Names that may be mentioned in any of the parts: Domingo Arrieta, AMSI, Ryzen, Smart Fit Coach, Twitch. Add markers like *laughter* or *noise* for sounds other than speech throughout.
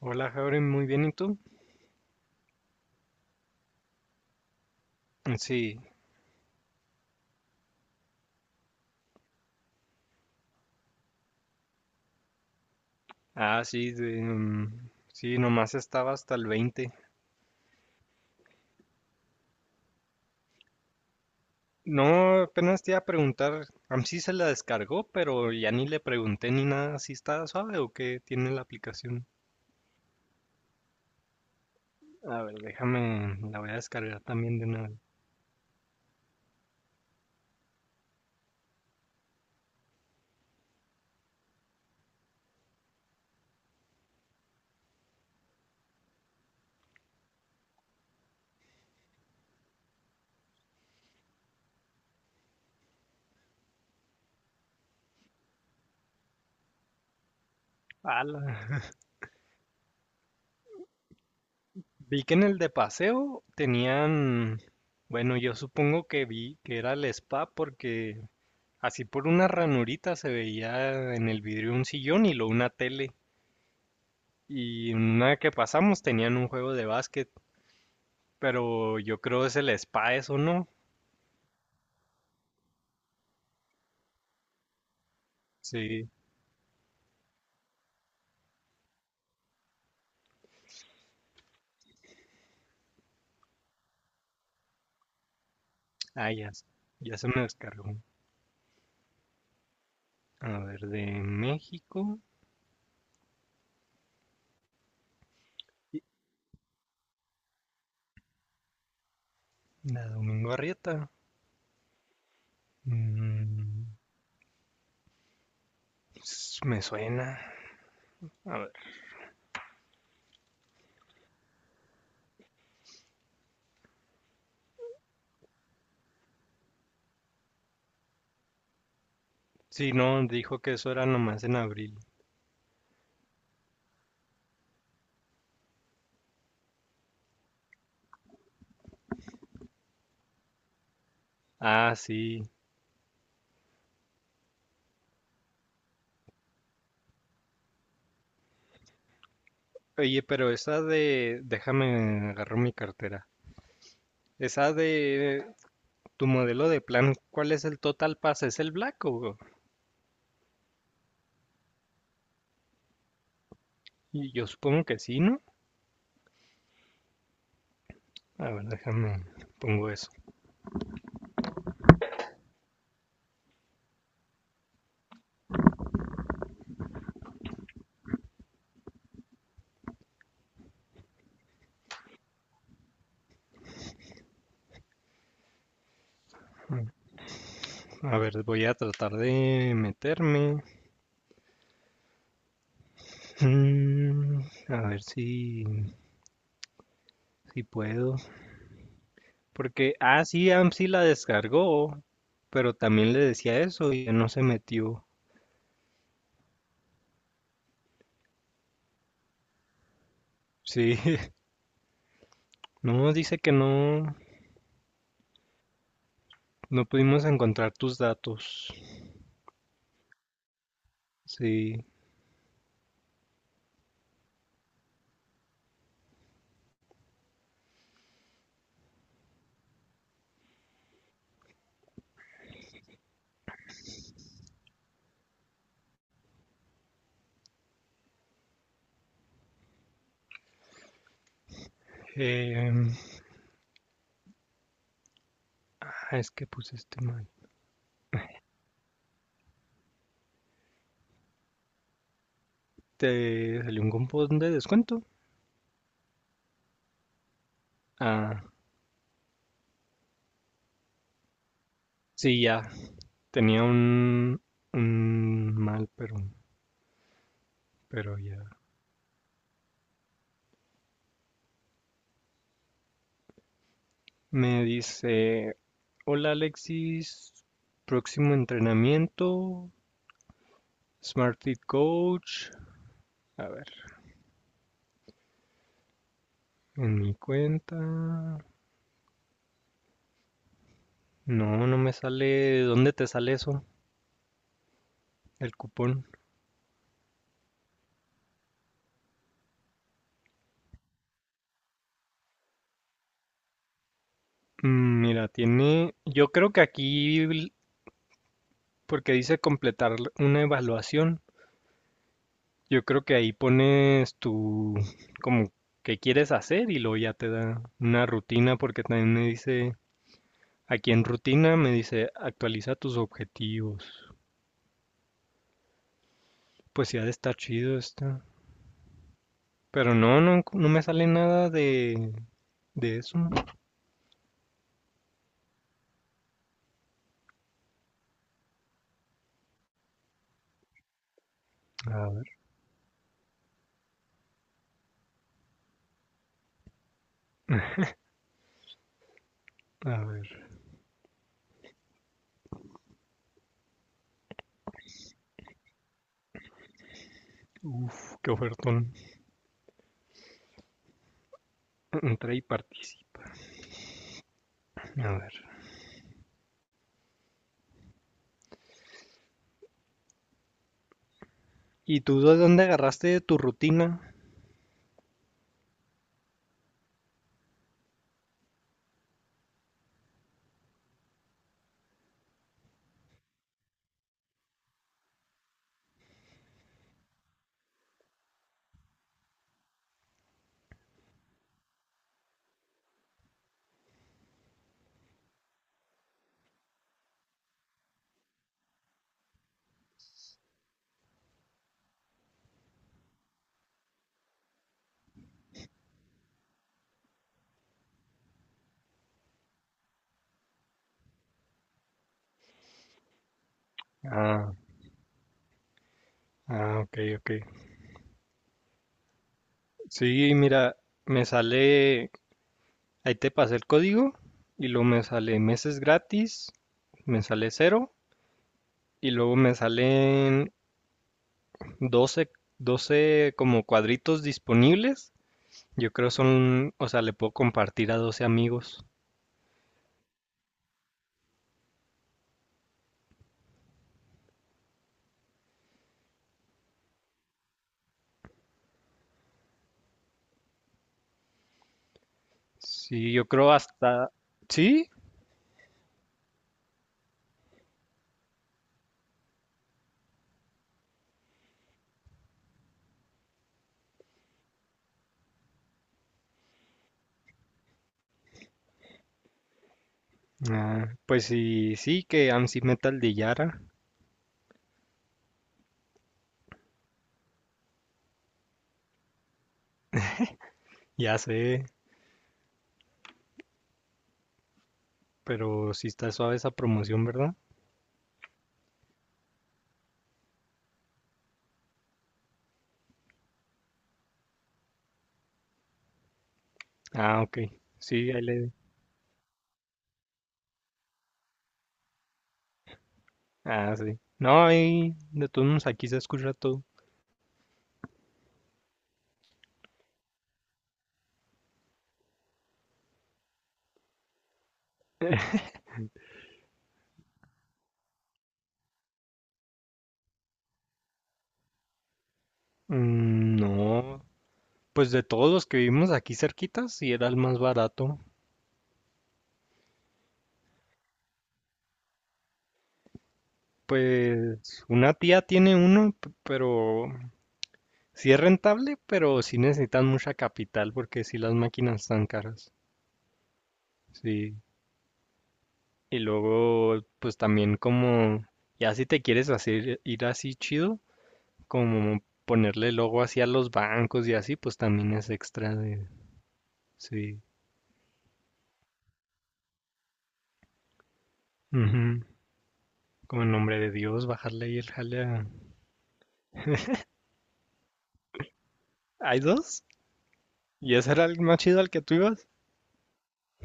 Hola, Jauren, muy bien, ¿y tú? Sí. Nomás estaba hasta el 20. No, apenas te iba a preguntar, a mí sí se la descargó, pero ya ni le pregunté ni nada, si está suave o qué tiene la aplicación. A ver, déjame, la voy a descargar también de una vez. Ala. *laughs* Vi que en el de paseo tenían, bueno, yo supongo que vi que era el spa porque así por una ranurita se veía en el vidrio un sillón y luego una tele. Y una que pasamos tenían un juego de básquet, pero yo creo es el spa eso, ¿no? Sí. Ah, ya, s- ya se me descargó. A ver, de México, y la Domingo Arrieta. Mm, Me suena. A ver. Sí, no, dijo que eso era nomás en abril. Ah, sí. Oye, pero esa de... Déjame agarro mi cartera. Esa de... Tu modelo de plan, ¿cuál es el Total Pass? ¿Es el Black o...? Y yo supongo que sí, ¿no? A ver, déjame, pongo eso. A ver, voy a tratar de meterme. Mm, a ver si puedo. Porque, sí, AMSI la descargó, pero también le decía eso y no se metió. Sí, *laughs* no, dice que no, no pudimos encontrar tus datos. Sí, eh, ah, es que puse este mal. ¿Te salió un cupón de descuento? Ah, sí, ya, tenía un mal, pero ya. Me dice, hola Alexis, próximo entrenamiento, Smart Fit Coach. A ver, en mi cuenta. No, no me sale. ¿Dónde te sale eso? El cupón. Mm, mira, tiene. Yo creo que aquí, porque dice completar una evaluación, yo creo que ahí pones tu, como, qué quieres hacer y luego ya te da una rutina, porque también me dice aquí en rutina me dice, actualiza tus objetivos. Pues ya está chido esta. Pero no me sale nada de, de eso. A ver, a ver. Uf, qué ofertón. Entra y participa. A ver. ¿Y tú de dónde agarraste tu rutina? Ah, ok, ok. Sí, mira, me sale, ahí te pasé el código y luego me sale meses gratis, me sale cero y luego me salen 12 12 como cuadritos disponibles. Yo creo son, o sea, le puedo compartir a 12 amigos. Sí, yo creo hasta... Sí, pues que AMSI Metal de Yara. Ya sé, pero sí está suave esa promoción, ¿verdad? Ah, ok. Sí, ahí le... Ah, sí. No, ahí de todos modos aquí se escucha todo. Mm, no, pues de todos los que vivimos aquí cerquitas, sí era el más barato. Pues una tía tiene uno, pero sí es rentable, pero sí necesitan mucha capital porque sí las máquinas están caras. Sí. Y luego, pues también como, ya si te quieres hacer ir así chido, como ponerle logo así a los bancos y así, pues también es extra de, sí. Ujú. Como en nombre de Dios, bajarle ahí el jale a... ¿Hay dos? ¿Y ese era el más chido al que tú ibas?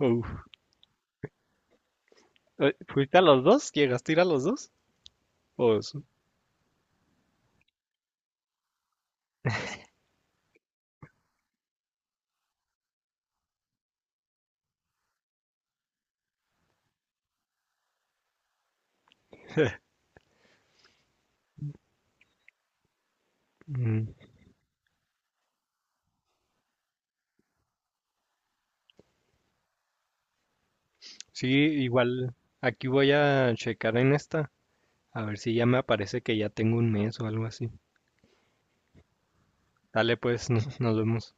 Uf. ¿Fuiste a los dos? ¿Llegaste a ir a los dos? Pues... Mm, sí, igual aquí voy a checar en esta, a ver si ya me aparece que ya tengo un mes o algo así. Dale pues, *laughs* nos vemos.